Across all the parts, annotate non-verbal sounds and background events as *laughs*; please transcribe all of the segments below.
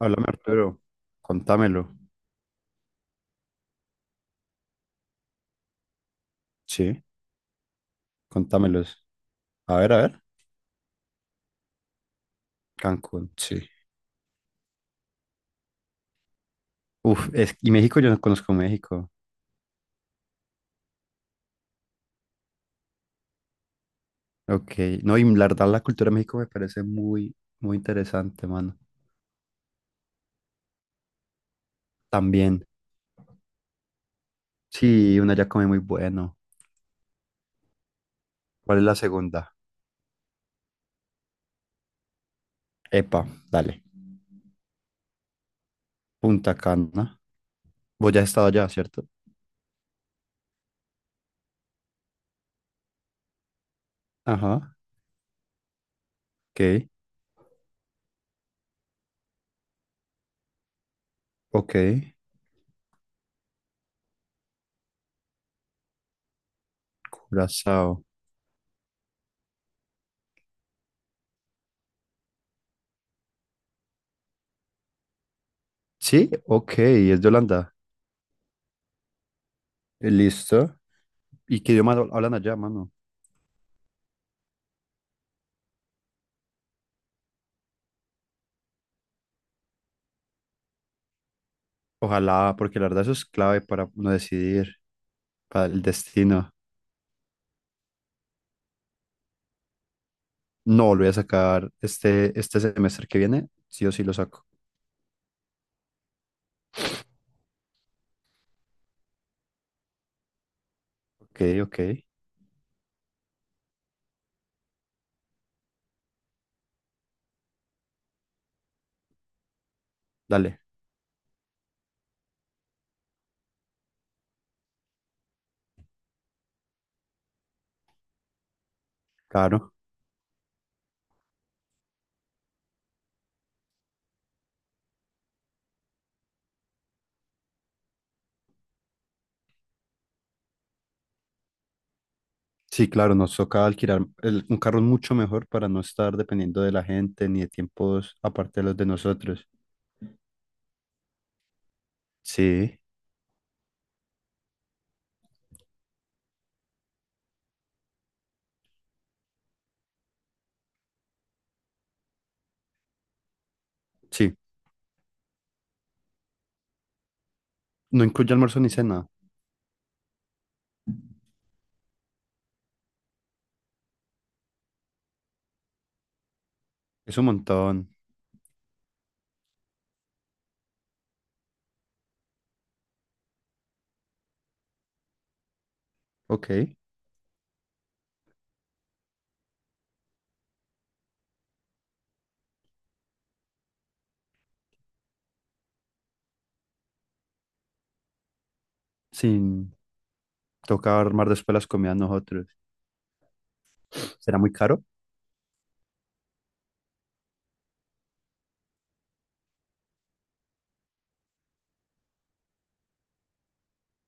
Háblame, Arturo. Contámelo. Sí, contámelos. A ver, a ver. Cancún, sí. Uf, es, y México, yo no conozco México. Ok. No, y la verdad, la cultura de México me parece muy, muy interesante, mano. También. Sí, una ya come muy bueno. ¿Cuál es la segunda? Epa, dale. Punta Cana. Vos ya has estado allá, ¿cierto? Ajá. Ok, ok. Curazao. Sí, ok, es de Holanda. Listo. ¿Y qué idioma hablan allá, mano? Ojalá, porque la verdad eso es clave para uno decidir, para el destino. No, lo voy a sacar este semestre que viene, sí o sí lo saco. Ok, ok, dale, claro. Sí, claro, nos toca alquilar un carro mucho mejor para no estar dependiendo de la gente ni de tiempos aparte de los de nosotros. Sí, sí, no incluye almuerzo ni cena, es un montón. Ok, sin tocar armar después las comidas nosotros. ¿Será muy caro?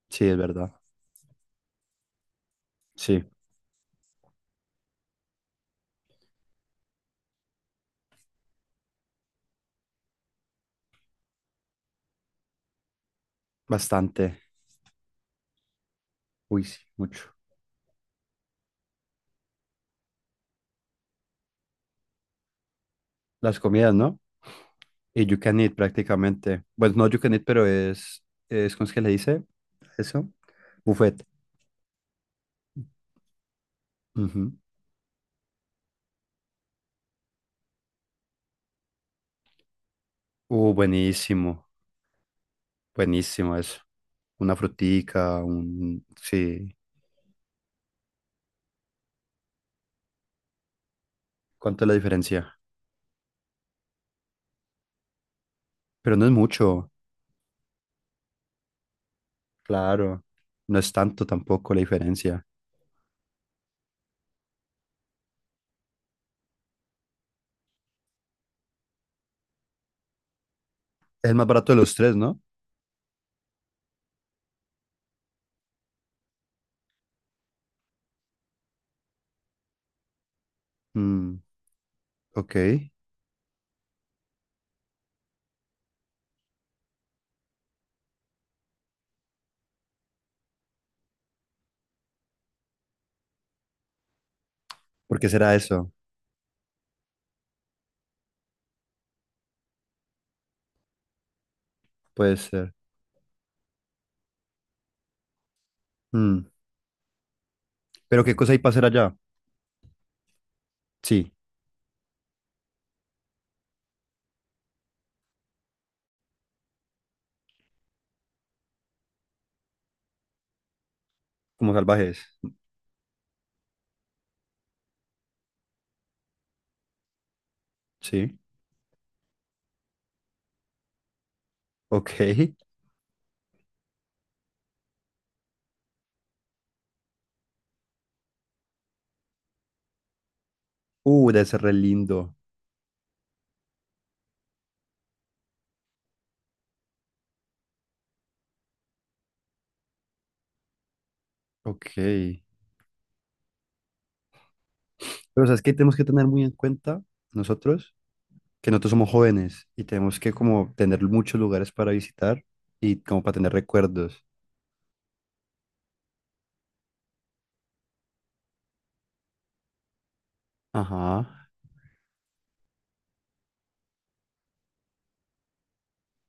Sí, es verdad. Sí, bastante. Uy, sí, mucho. Las comidas, ¿no? Y You Can Eat prácticamente. Bueno, no You Can Eat, pero es ¿cómo es que le dice eso? Buffet. Ujú. Buenísimo, buenísimo eso. Una frutica, un... Sí, ¿cuánto es la diferencia? Pero no es mucho, claro. No es tanto tampoco la diferencia. Es el más barato de los tres, ¿no? Mm, ok. ¿Por qué será eso? Puede ser. Mm, pero ¿qué cosa hay para hacer allá? Sí, como salvajes. Sí, ok. Debe ser re lindo. Ok. Pero sabes que tenemos que tener muy en cuenta nosotros, que nosotros somos jóvenes y tenemos que como tener muchos lugares para visitar y como para tener recuerdos. Ajá,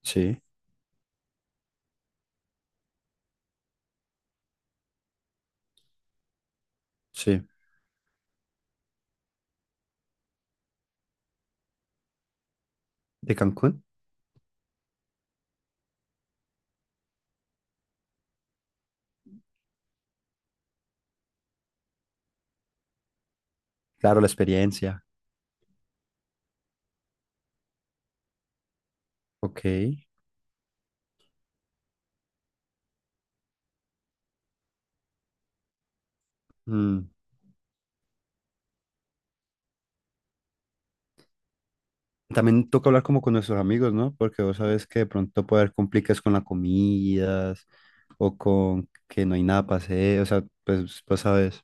sí, sí. ¿De Cancún? Claro, la experiencia. Ok. Mm. También toca hablar como con nuestros amigos, ¿no? Porque vos sabes que de pronto puede haber complicaciones con las comidas o con que no hay nada para hacer. O sea, pues sabes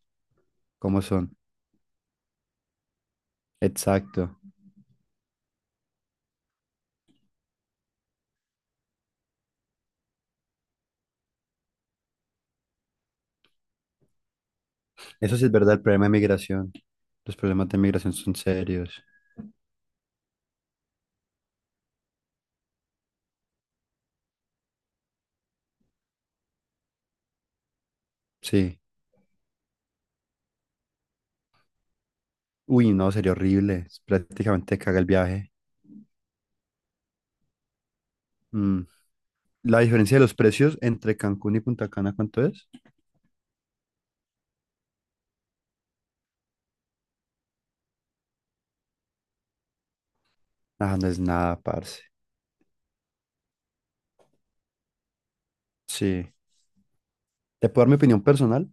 cómo son. Exacto. Eso sí es verdad, el problema de migración. Los problemas de migración son serios. Sí. Uy, no, sería horrible. Es prácticamente caga el viaje. Mm. La diferencia de los precios entre Cancún y Punta Cana, ¿cuánto es? Ah, no es nada, parce. Sí. ¿Te puedo dar mi opinión personal?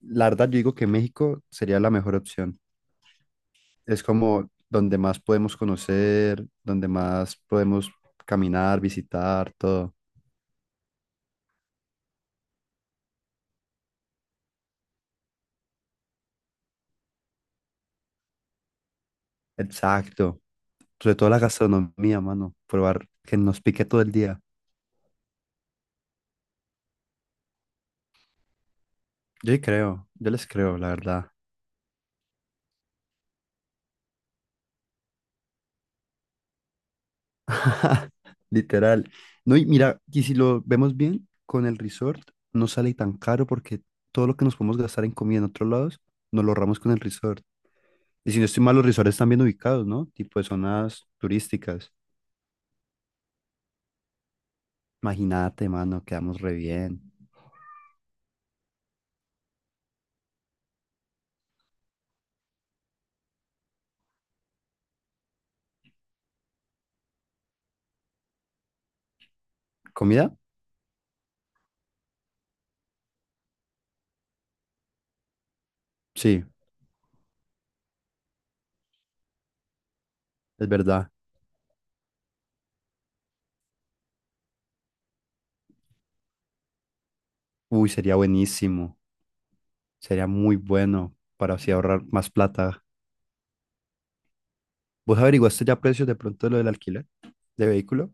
La verdad, yo digo que México sería la mejor opción. Es como donde más podemos conocer, donde más podemos caminar, visitar, todo. Exacto. Sobre todo la gastronomía, mano. Probar que nos pique todo el día. Yo sí creo, yo les creo, la verdad. *laughs* Literal. No, y mira, y si lo vemos bien, con el resort no sale tan caro porque todo lo que nos podemos gastar en comida en otros lados, nos lo ahorramos con el resort. Y si no estoy mal, los resorts están bien ubicados, ¿no? Tipo de zonas turísticas. Imagínate, mano, quedamos re bien. ¿Comida? Sí, es verdad. Uy, sería buenísimo. Sería muy bueno para así ahorrar más plata. ¿Vos averiguaste ya precios de pronto de lo del alquiler de vehículo?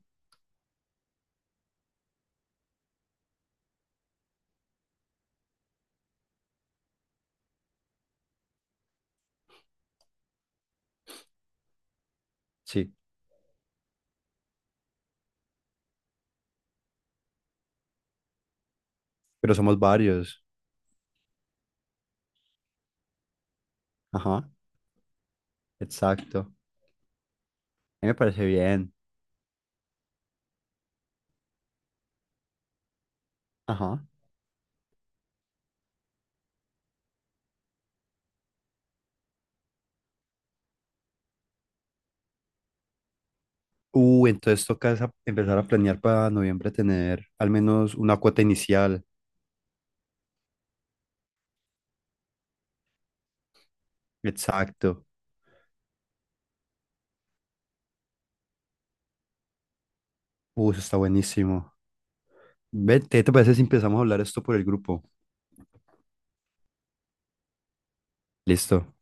Sí. Pero somos varios. Ajá, exacto. A mí me parece bien. Ajá. Entonces empezar a planear para noviembre tener al menos una cuota inicial. Exacto. Eso está buenísimo. Vete, ¿te parece si empezamos a hablar esto por el grupo? Listo.